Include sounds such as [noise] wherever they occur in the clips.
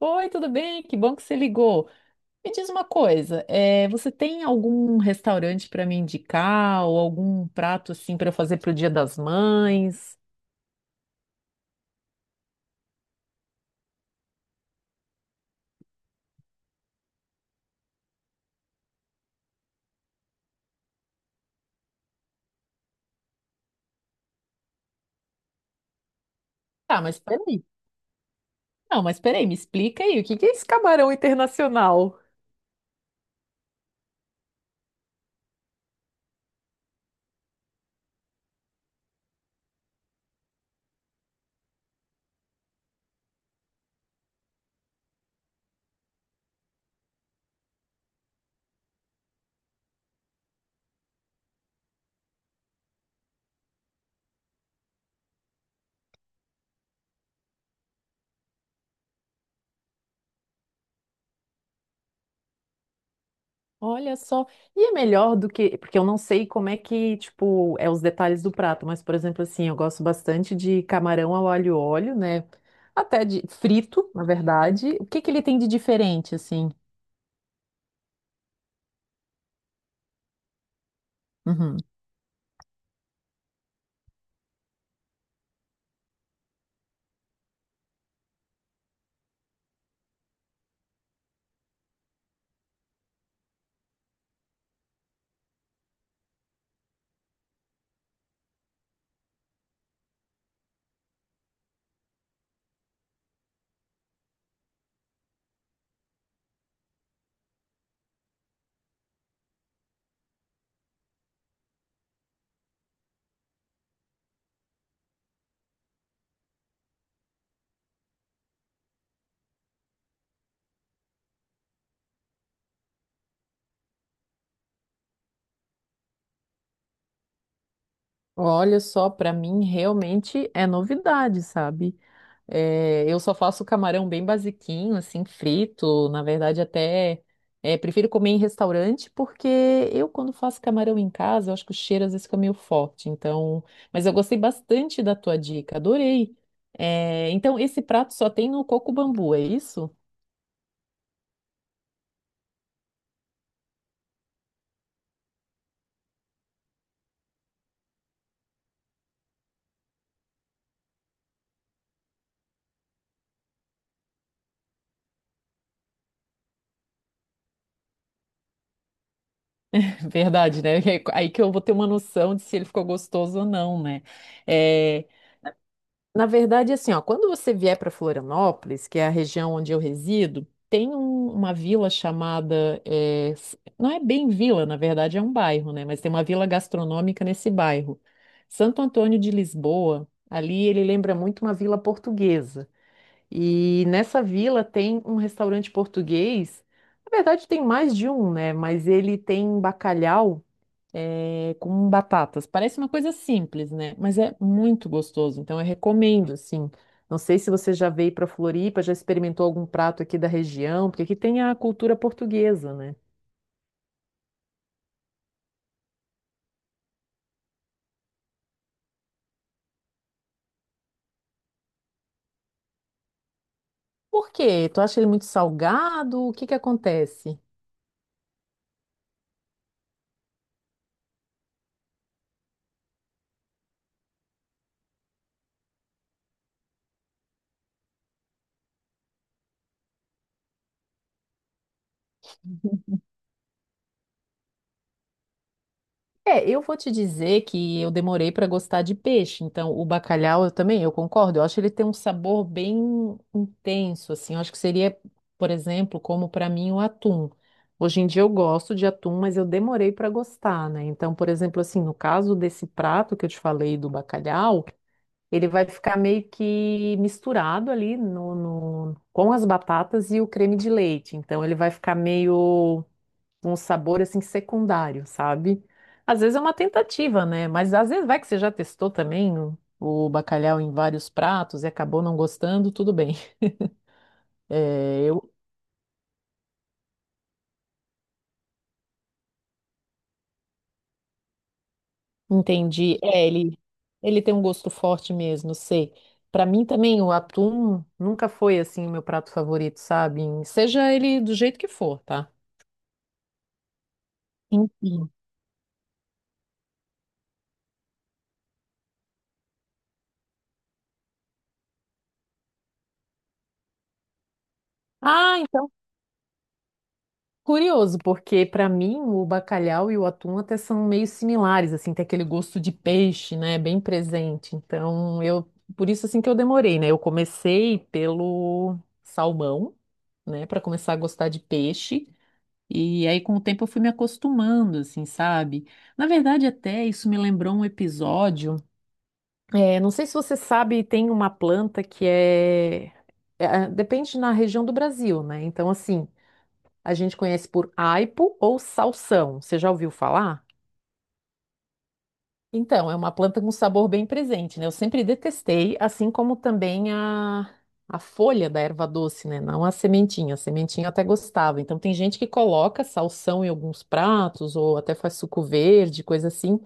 Oi, tudo bem? Que bom que você ligou. Me diz uma coisa, você tem algum restaurante para me indicar ou algum prato assim para fazer para o Dia das Mães? Tá, mas peraí. Não, mas peraí, me explica aí, o que que é esse camarão internacional? Olha só, e é melhor do que, porque eu não sei como é que, tipo, é os detalhes do prato, mas por exemplo assim, eu gosto bastante de camarão ao alho e óleo, né? Até de frito, na verdade. O que que ele tem de diferente assim? Uhum. Olha só, pra mim realmente é novidade, sabe? É, eu só faço camarão bem basiquinho, assim, frito. Na verdade, até prefiro comer em restaurante, porque eu, quando faço camarão em casa, eu acho que o cheiro às vezes fica meio forte. Então, mas eu gostei bastante da tua dica, adorei. É, então, esse prato só tem no coco bambu, é isso? [laughs] Verdade, né? É aí que eu vou ter uma noção de se ele ficou gostoso ou não, né? É, na verdade, assim, ó, quando você vier para Florianópolis, que é a região onde eu resido, tem uma vila chamada, não é bem vila, na verdade é um bairro, né? Mas tem uma vila gastronômica nesse bairro. Santo Antônio de Lisboa, ali ele lembra muito uma vila portuguesa. E nessa vila tem um restaurante português. Na verdade, tem mais de um, né? Mas ele tem bacalhau com batatas. Parece uma coisa simples, né? Mas é muito gostoso. Então eu recomendo, assim. Não sei se você já veio para Floripa, já experimentou algum prato aqui da região, porque aqui tem a cultura portuguesa, né? Por quê? Tu acha ele muito salgado? O que que acontece? É, eu vou te dizer que eu demorei para gostar de peixe, então o bacalhau eu também, eu concordo, eu acho que ele tem um sabor bem intenso, assim, eu acho que seria, por exemplo, como para mim o atum. Hoje em dia eu gosto de atum, mas eu demorei para gostar, né? Então, por exemplo, assim, no caso desse prato que eu te falei do bacalhau, ele vai ficar meio que misturado ali com as batatas e o creme de leite, então ele vai ficar meio um sabor assim secundário, sabe? Às vezes é uma tentativa, né? Mas às vezes vai que você já testou também o bacalhau em vários pratos e acabou não gostando, tudo bem. [laughs] É, eu entendi. Ele tem um gosto forte mesmo, sei. Pra mim também o atum nunca foi assim o meu prato favorito, sabe? Seja ele do jeito que for, tá? Enfim. Ah, então curioso, porque para mim o bacalhau e o atum até são meio similares, assim, tem aquele gosto de peixe, né, bem presente. Então, eu por isso assim que eu demorei, né? Eu comecei pelo salmão, né, para começar a gostar de peixe, e aí com o tempo eu fui me acostumando, assim, sabe? Na verdade, até isso me lembrou um episódio. É, não sei se você sabe, tem uma planta que é, depende na região do Brasil, né? Então, assim, a gente conhece por aipo ou salsão. Você já ouviu falar? Então, é uma planta com sabor bem presente, né? Eu sempre detestei, assim como também a folha da erva doce, né? Não a sementinha. A sementinha eu até gostava. Então, tem gente que coloca salsão em alguns pratos ou até faz suco verde, coisa assim.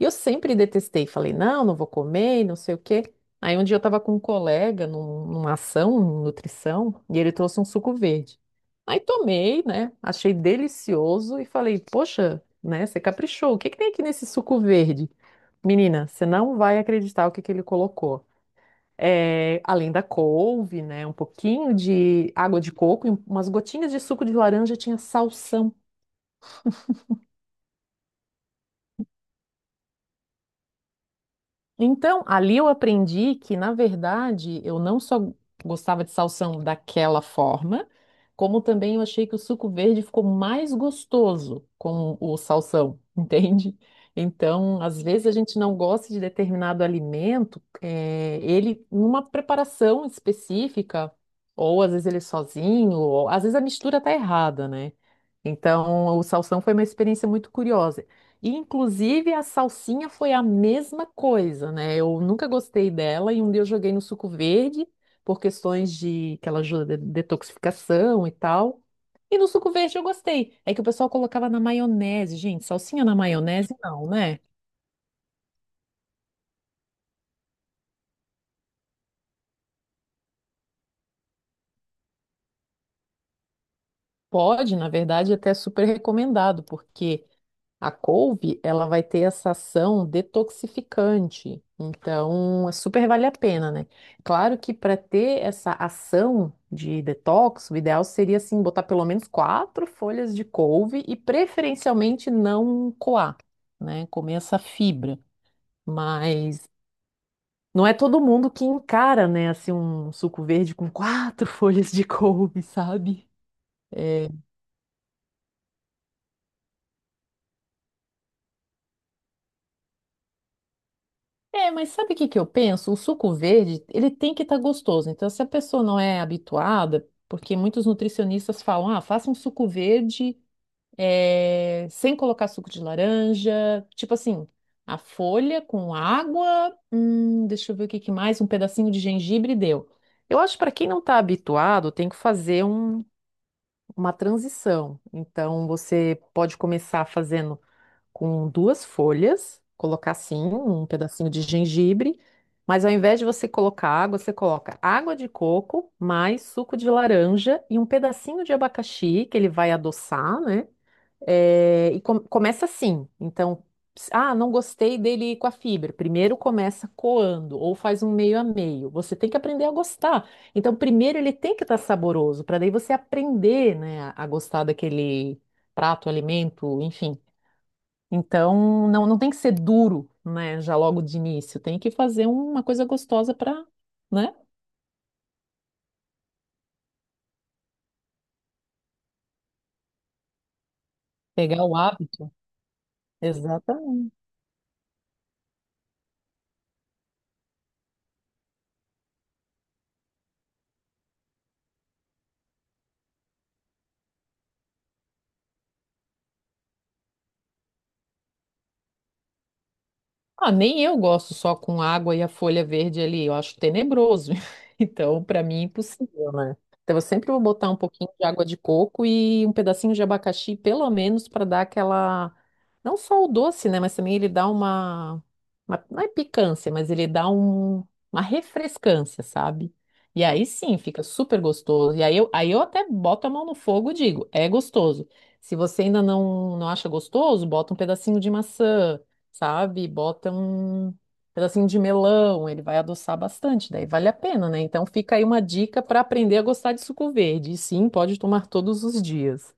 E eu sempre detestei, falei, não, não vou comer, e não sei o quê. Aí um dia eu estava com um colega numa ação, em nutrição, e ele trouxe um suco verde. Aí tomei, né? Achei delicioso e falei, poxa, né? Você caprichou. O que que tem aqui nesse suco verde? Menina, você não vai acreditar o que que ele colocou. É, além da couve, né? Um pouquinho de água de coco e umas gotinhas de suco de laranja, tinha salsão. Então, ali eu aprendi que, na verdade, eu não só gostava de salsão daquela forma, como também eu achei que o suco verde ficou mais gostoso com o salsão, [laughs] entende? Então, às vezes a gente não gosta de determinado alimento, ele numa preparação específica, ou às vezes ele sozinho, ou às vezes a mistura tá errada, né? Então, o salsão foi uma experiência muito curiosa. E, inclusive, a salsinha foi a mesma coisa, né? Eu nunca gostei dela e um dia eu joguei no suco verde por questões de que ela ajuda de detoxificação e tal. E no suco verde eu gostei. É que o pessoal colocava na maionese, gente. Salsinha na maionese não, né? Pode, na verdade, é até super recomendado, porque a couve, ela vai ter essa ação detoxificante. Então, é super vale a pena, né? Claro que para ter essa ação de detox, o ideal seria assim botar pelo menos quatro folhas de couve e preferencialmente não coar, né? Comer essa fibra. Mas não é todo mundo que encara, né, assim um suco verde com quatro [laughs] folhas de couve, sabe? É, é, mas sabe o que que eu penso? O suco verde, ele tem que estar gostoso. Então, se a pessoa não é habituada, porque muitos nutricionistas falam, ah, faça um suco verde sem colocar suco de laranja, tipo assim, a folha com água, deixa eu ver o que que mais, um pedacinho de gengibre deu. Eu acho que para quem não está habituado, tem que fazer uma transição. Então, você pode começar fazendo com duas folhas, colocar assim um pedacinho de gengibre, mas ao invés de você colocar água, você coloca água de coco, mais suco de laranja e um pedacinho de abacaxi que ele vai adoçar, né? É, e começa assim. Então, ah, não gostei dele com a fibra. Primeiro começa coando ou faz um meio a meio. Você tem que aprender a gostar. Então, primeiro ele tem que estar saboroso, para daí você aprender, né, a gostar daquele prato, alimento, enfim. Então, não, não tem que ser duro, né, já logo de início. Tem que fazer uma coisa gostosa para, né, pegar o hábito. Exatamente. Ah, nem eu gosto só com água e a folha verde ali, eu acho tenebroso. [laughs] Então, para mim, é impossível, né? Então, eu sempre vou botar um pouquinho de água de coco e um pedacinho de abacaxi, pelo menos, para dar aquela. Não só o doce, né? Mas também ele dá uma... uma. Não é picância, mas ele dá um... uma refrescância, sabe? E aí sim, fica super gostoso. E aí eu até boto a mão no fogo e digo: é gostoso. Se você ainda não, não acha gostoso, bota um pedacinho de maçã sabe? Bota um pedacinho de melão, ele vai adoçar bastante, daí vale a pena, né? Então fica aí uma dica para aprender a gostar de suco verde. E sim, pode tomar todos os dias.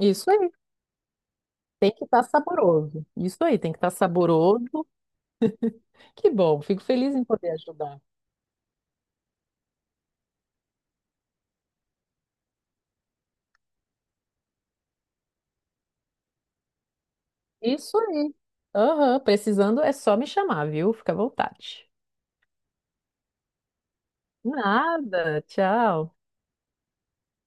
Isso aí, tem que estar saboroso. Isso aí, tem que estar saboroso. Que bom, fico feliz em poder ajudar. Isso aí. Aham, precisando é só me chamar, viu? Fica à vontade. Nada, tchau.